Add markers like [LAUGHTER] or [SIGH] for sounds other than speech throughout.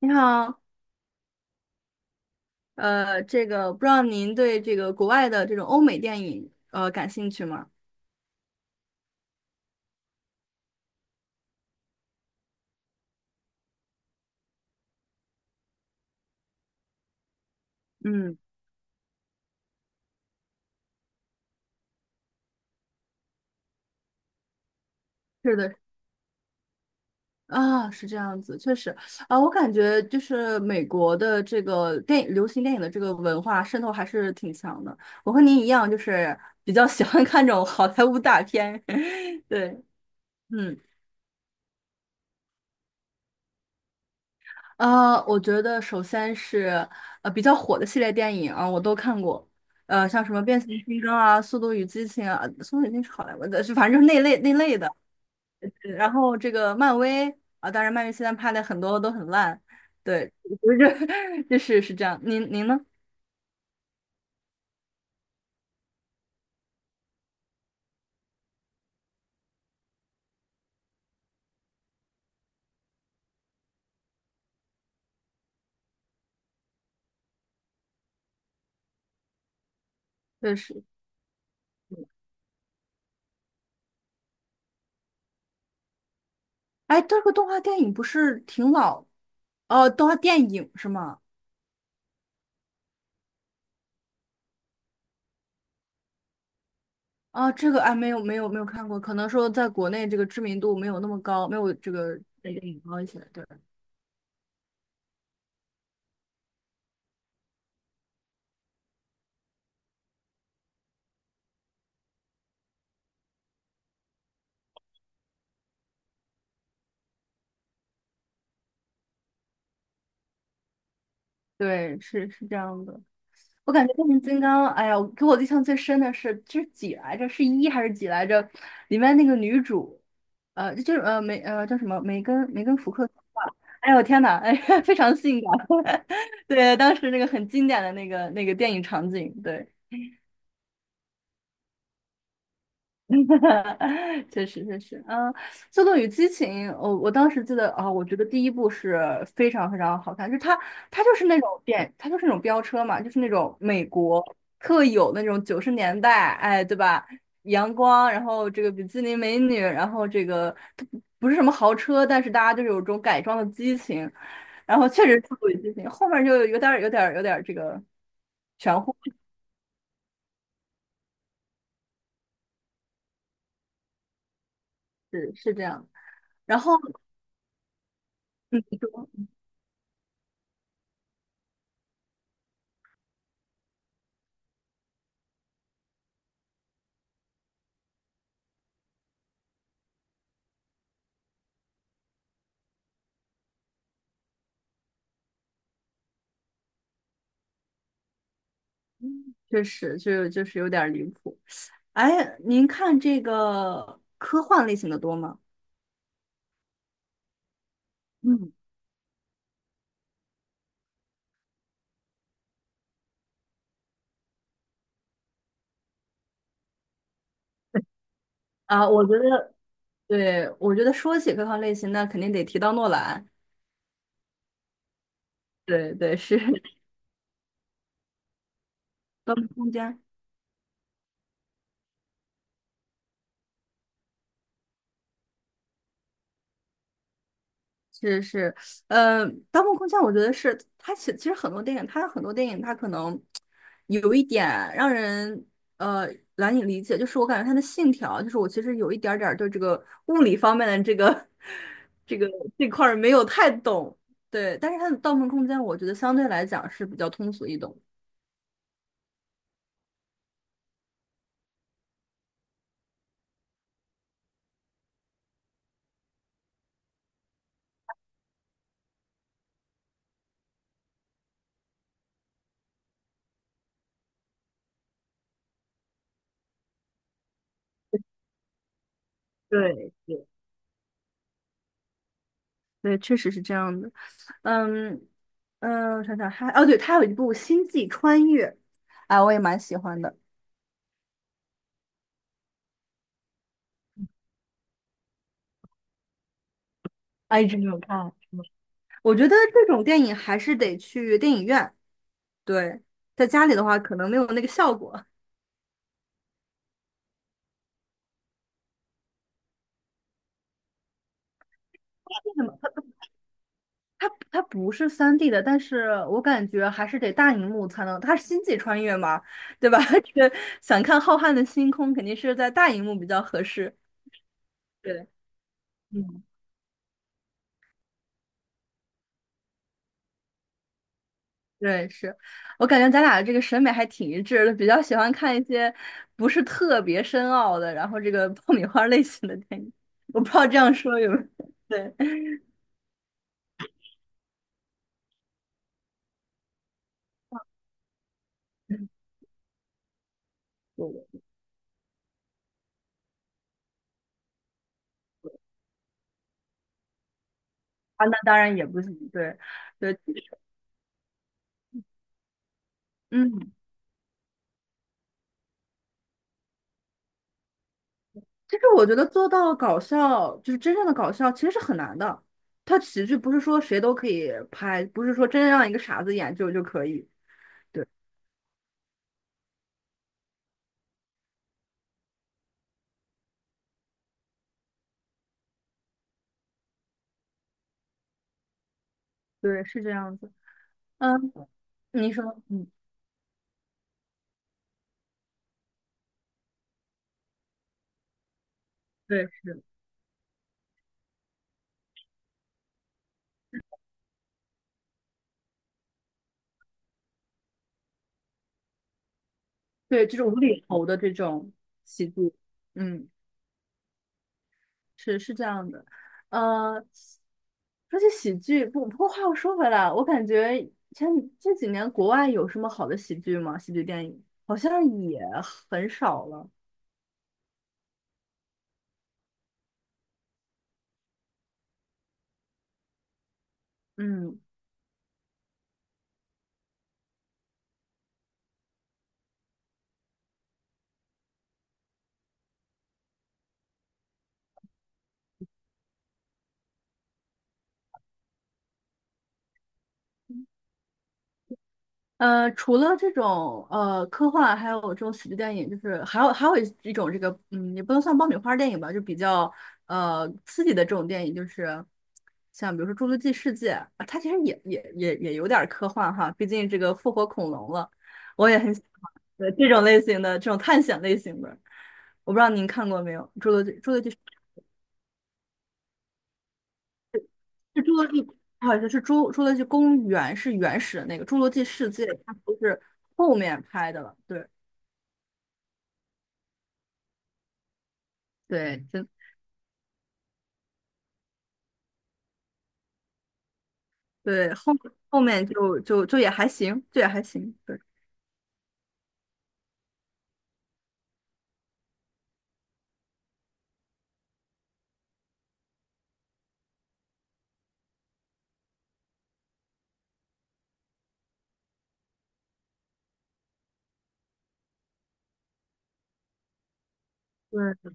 你好，这个不知道您对这个国外的这种欧美电影感兴趣吗？嗯，是的。啊，是这样子，确实。啊，我感觉就是美国的这个电影、流行电影的这个文化渗透还是挺强的。我和您一样，就是比较喜欢看这种好莱坞大片。[LAUGHS] 对，嗯。我觉得首先是比较火的系列电影啊，我都看过。像什么《变形金刚》啊，《速度与激情》啊，《速度与激情》是好莱坞的，是反正就是那类的。对，然后这个漫威啊，当然漫威现在拍的很多都很烂。对，不是，[LAUGHS] 就是是这样。您呢？对，是。哎，这个动画电影不是挺老？哦，动画电影是吗？啊，这个哎，没有看过，可能说在国内这个知名度没有那么高，没有这个电影高一些。对。对，是是这样的。我感觉变形金刚，哎呀，我给我印象最深的是，这是几来着？是一还是几来着？里面那个女主，呃，就是呃梅呃叫什么梅根福克斯吧？哎呦我天呐，哎，[LAUGHS] 非常性感。[LAUGHS] 对，当时那个很经典的那个电影场景，对。[LAUGHS] 确实，嗯，《速度与激情》，我当时记得啊、我觉得第一部是非常非常好看，就是它它就是那种电，它就是那种飙车嘛，就是那种美国特有那种九十年代，哎，对吧？阳光，然后这个比基尼美女，然后这个它不是什么豪车，但是大家就是有这种改装的激情，然后确实《速度与激情》后面就有点儿这个玄乎，是是这样，然后嗯。你说确实，就就是有点儿离谱。哎，您看这个科幻类型的多吗？嗯，啊，我觉得，对，我觉得说起科幻类型，那肯定得提到诺兰。对对，是《<laughs> 盗梦空间》。是是，盗梦空间》我觉得是它其实很多电影，它很多电影它可能有一点让人呃难以理解，就是我感觉它的信条，就是我其实有一点儿对这个物理方面的这个 [LAUGHS] 这个这块儿没有太懂，对，但是它的《盗梦空间》我觉得相对来讲是比较通俗易懂。对对，对，确实是这样的。嗯，嗯，我想想还哦，对，它有一部《星际穿越》，啊，我也蛮喜欢的。啊，一直没有看。我觉得这种电影还是得去电影院，对，在家里的话可能没有那个效果。[LAUGHS] 为什么？它不是三 d 的，但是我感觉还是得大荧幕才能，它是星际穿越嘛，对吧？[LAUGHS] 这个想看浩瀚的星空，肯定是在大荧幕比较合适。对，嗯，对，是，我感觉咱俩这个审美还挺一致的，比较喜欢看一些不是特别深奥的，然后这个爆米花类型的电影。我不知道这样说有没有对。[LAUGHS] 啊，那当然也不行，对，对，嗯，其实我觉得做到搞笑，就是真正的搞笑，其实是很难的。它喜剧不是说谁都可以拍，不是说真让一个傻子演就可以。对，对，是这样子。嗯，你说，嗯，对，是，对，这种无厘头的这种喜剧，嗯。是是这样的，呃，说起喜剧，不过话又说回来，我感觉前这几年国外有什么好的喜剧吗？喜剧电影好像也很少了。嗯，除了这种科幻，还有这种喜剧电影，就是还有一种这个，嗯，也不能算爆米花电影吧，就比较刺激的这种电影，就是像比如说《侏罗纪世界》啊，它其实也有点儿科幻哈，毕竟这个复活恐龙了，我也很喜欢对这种类型的这种探险类型的，我不知道您看过没有，《侏罗纪》《侏罗纪》是《侏罗纪》，不好意思，是侏《侏罗纪公园》是原始的那个，《侏罗纪世界》它不是后面拍的了，对。对，真对，后面就就也还行，就也还行。对对，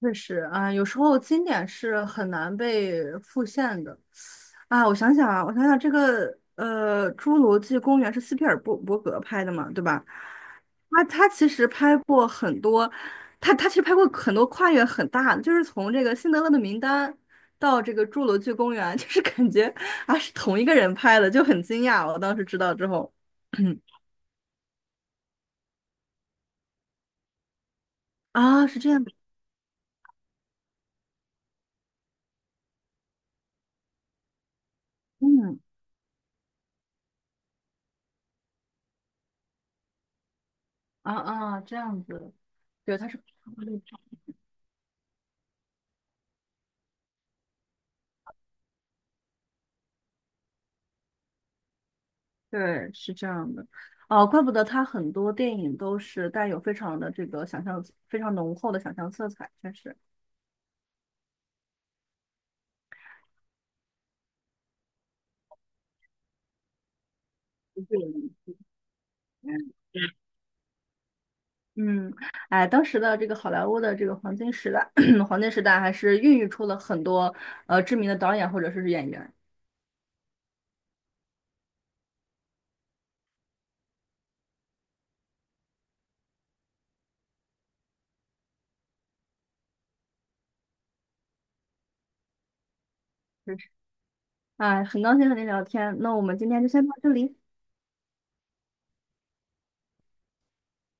确实啊，有时候经典是很难被复现的。啊，我想想啊，我想想，这个侏罗纪公园》是斯皮尔伯格拍的嘛，对吧？他他其实拍过很多，他他其实拍过很多跨越很大的，就是从这个《辛德勒的名单》到这个《侏罗纪公园》，就是感觉啊是同一个人拍的，就很惊讶。我当时知道之后，[COUGHS] [CLEARS THROAT] 啊是这样的，嗯。啊啊，这样子，对，它是对，是这样的，哦，怪不得他很多电影都是带有非常的这个想象，非常浓厚的想象色彩，确实。对，嗯，嗯，哎，当时的这个好莱坞的这个黄金时代，[COUGHS] [CLEARS THROAT] 黄金时代还是孕育出了很多知名的导演或者是演员。是，哎，很高兴和您聊天，那我们今天就先到这里。